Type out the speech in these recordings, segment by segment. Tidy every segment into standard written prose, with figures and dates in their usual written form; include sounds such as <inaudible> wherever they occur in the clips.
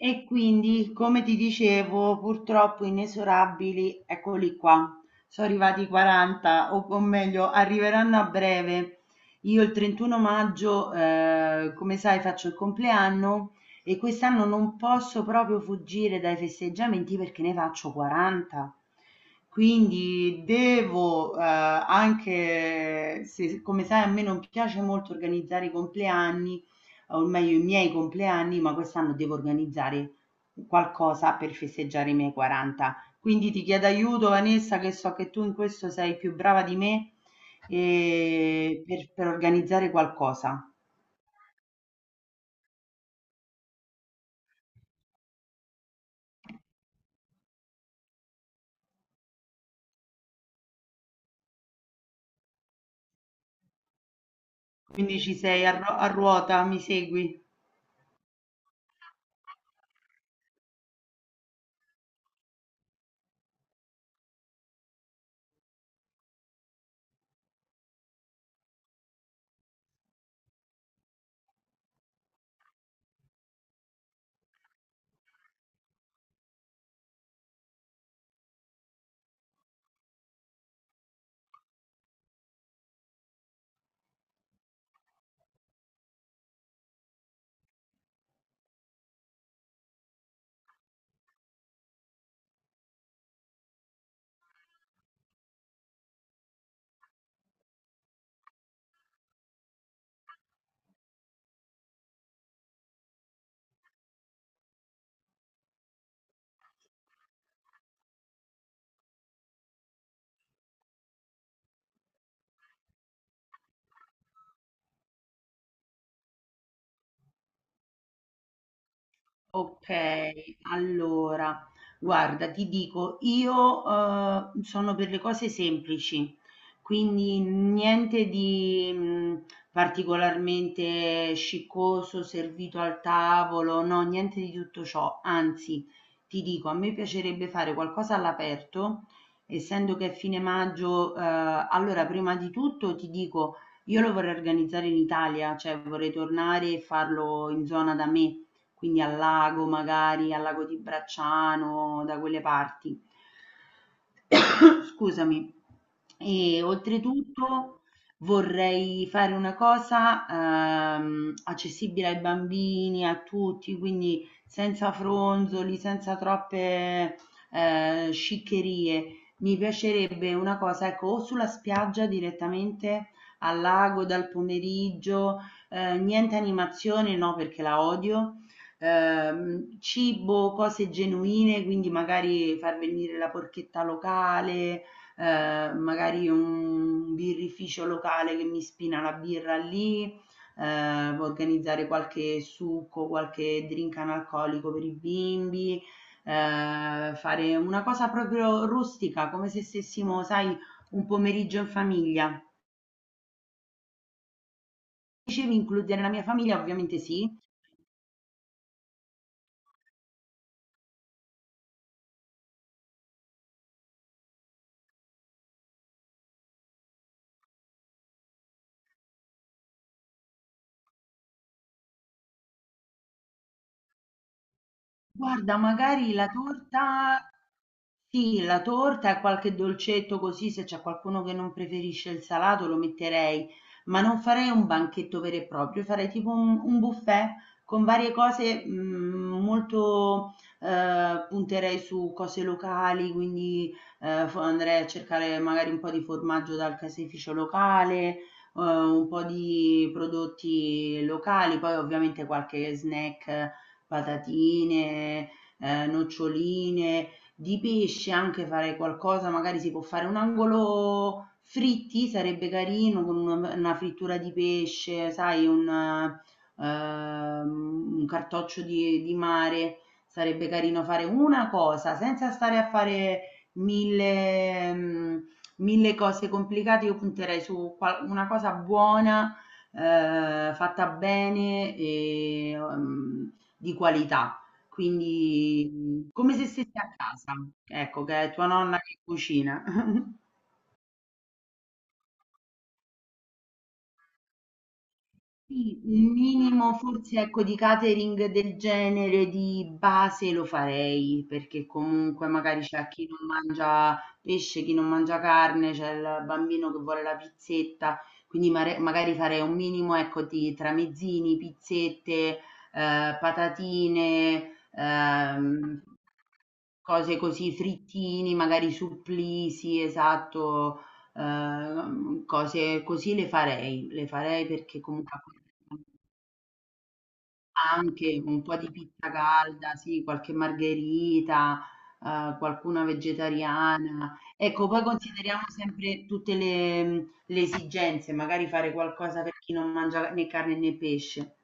E quindi, come ti dicevo, purtroppo inesorabili, eccoli qua. Sono arrivati i 40, o meglio, arriveranno a breve. Io il 31 maggio, come sai, faccio il compleanno e quest'anno non posso proprio fuggire dai festeggiamenti perché ne faccio 40. Quindi devo, anche se, come sai, a me non piace molto organizzare i compleanni, o meglio i miei compleanni, ma quest'anno devo organizzare qualcosa per festeggiare i miei 40. Quindi ti chiedo aiuto, Vanessa, che so che tu in questo sei più brava di me e per organizzare qualcosa. Quindi ci sei a, a ruota, mi segui? Ok, allora, guarda, ti dico, io sono per le cose semplici, quindi niente di particolarmente sciccoso, servito al tavolo, no, niente di tutto ciò. Anzi, ti dico, a me piacerebbe fare qualcosa all'aperto, essendo che è fine maggio, allora, prima di tutto ti dico, io lo vorrei organizzare in Italia, cioè vorrei tornare e farlo in zona da me quindi al lago magari, al lago di Bracciano, da quelle parti. <coughs> Scusami. E oltretutto vorrei fare una cosa accessibile ai bambini, a tutti, quindi senza fronzoli, senza troppe sciccherie. Mi piacerebbe una cosa, ecco, o sulla spiaggia direttamente al lago dal pomeriggio, niente animazione, no, perché la odio. Cibo, cose genuine, quindi magari far venire la porchetta locale, magari un birrificio locale che mi spina la birra lì, organizzare qualche succo, qualche drink analcolico per i bimbi, fare una cosa proprio rustica, come se stessimo, sai, un pomeriggio in famiglia. Dicevi includere la mia famiglia? Ovviamente sì. Guarda, magari la torta. Sì, la torta e qualche dolcetto così, se c'è qualcuno che non preferisce il salato lo metterei, ma non farei un banchetto vero e proprio, farei tipo un buffet con varie cose, molto, punterei su cose locali, quindi andrei a cercare magari un po' di formaggio dal caseificio locale, un po' di prodotti locali, poi ovviamente qualche snack, patatine, noccioline. Di pesce anche farei qualcosa, magari si può fare un angolo fritti, sarebbe carino con una frittura di pesce, sai, un cartoccio di mare, sarebbe carino fare una cosa senza stare a fare mille, mm, mille cose complicate. Io punterei su una cosa buona, fatta bene e di qualità. Quindi, come se stessi a casa, ecco, che è tua nonna che cucina. Sì, un minimo forse ecco di catering del genere di base lo farei, perché comunque magari c'è chi non mangia pesce, chi non mangia carne, c'è il bambino che vuole la pizzetta, quindi magari farei un minimo ecco di tramezzini, pizzette, patatine, ehm, cose così, frittini, magari supplì, sì, esatto. Cose così le farei perché comunque anche un po' di pizza calda, sì, qualche margherita, qualcuna vegetariana. Ecco, poi consideriamo sempre tutte le esigenze, magari fare qualcosa per chi non mangia né carne né pesce.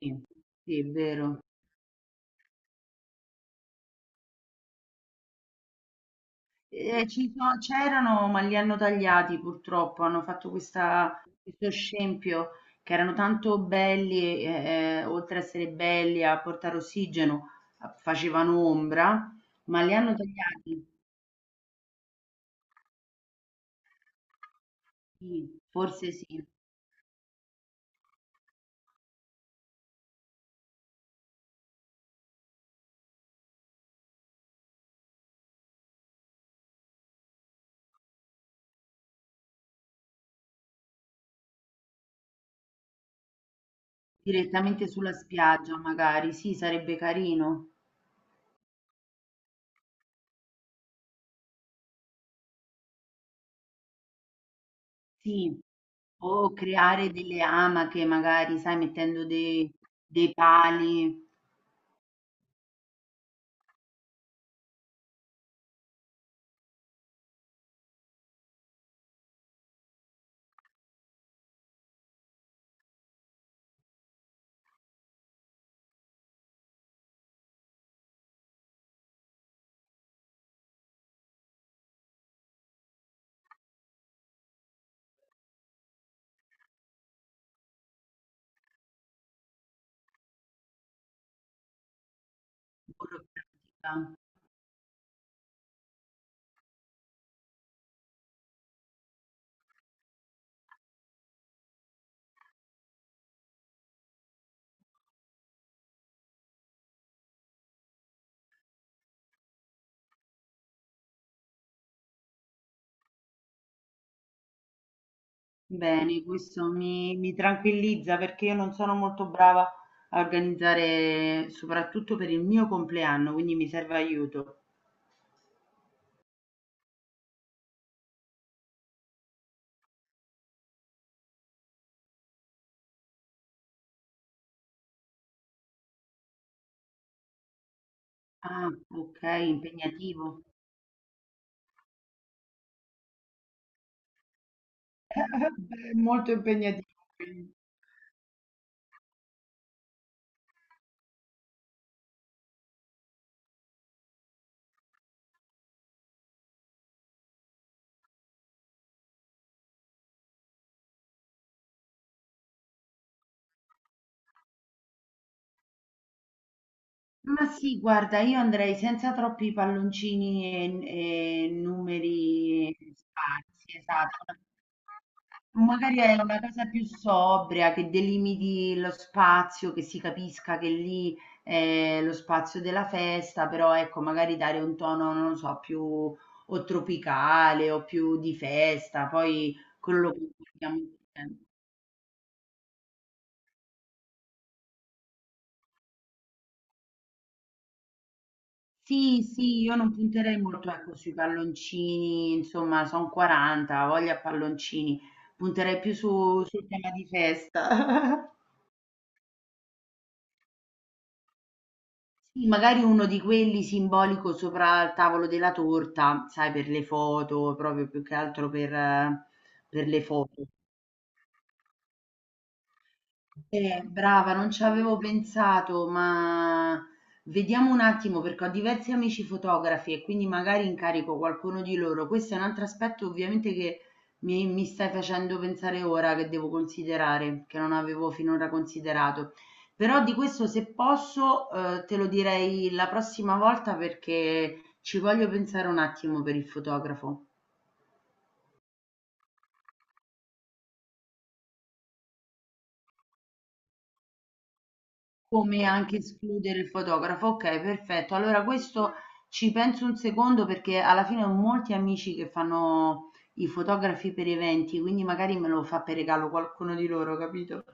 Sì, sì, è vero. C'erano, ma li hanno tagliati purtroppo. Hanno fatto questo scempio, che erano tanto belli, oltre a essere belli a portare ossigeno, facevano ombra, ma li hanno tagliati. Sì, forse sì, direttamente sulla spiaggia, magari. Sì, sarebbe carino. Sì. O creare delle amache, magari, sai, mettendo dei pali burocratica. Bene, questo mi tranquillizza perché io non sono molto brava a organizzare, soprattutto per il mio compleanno, quindi mi serve aiuto. Ah, ok, impegnativo. <laughs> Molto impegnativo. Ma sì, guarda, io andrei senza troppi palloncini e numeri sparsi, esatto. Magari è una cosa più sobria, che delimiti lo spazio, che si capisca che lì è lo spazio della festa, però ecco, magari dare un tono, non lo so, più o tropicale o più di festa, poi quello lo condividiamo insieme. Sì, sì, io non punterei molto, ecco, sui palloncini, insomma, son 40, ho voglia a palloncini. Punterei più su, sul tema di festa. <laughs> Sì, magari uno di quelli simbolico sopra il tavolo della torta, sai, per le foto, proprio più che altro per le foto. Brava, non ci avevo pensato, ma vediamo un attimo perché ho diversi amici fotografi e quindi magari incarico qualcuno di loro. Questo è un altro aspetto ovviamente che mi stai facendo pensare ora che devo considerare, che non avevo finora considerato. Però di questo se posso, te lo direi la prossima volta perché ci voglio pensare un attimo per il fotografo. Come anche escludere il fotografo, okay, perfetto. Allora questo ci penso un secondo perché alla fine ho molti amici che fanno i fotografi per eventi, quindi magari me lo fa per regalo qualcuno di loro, capito?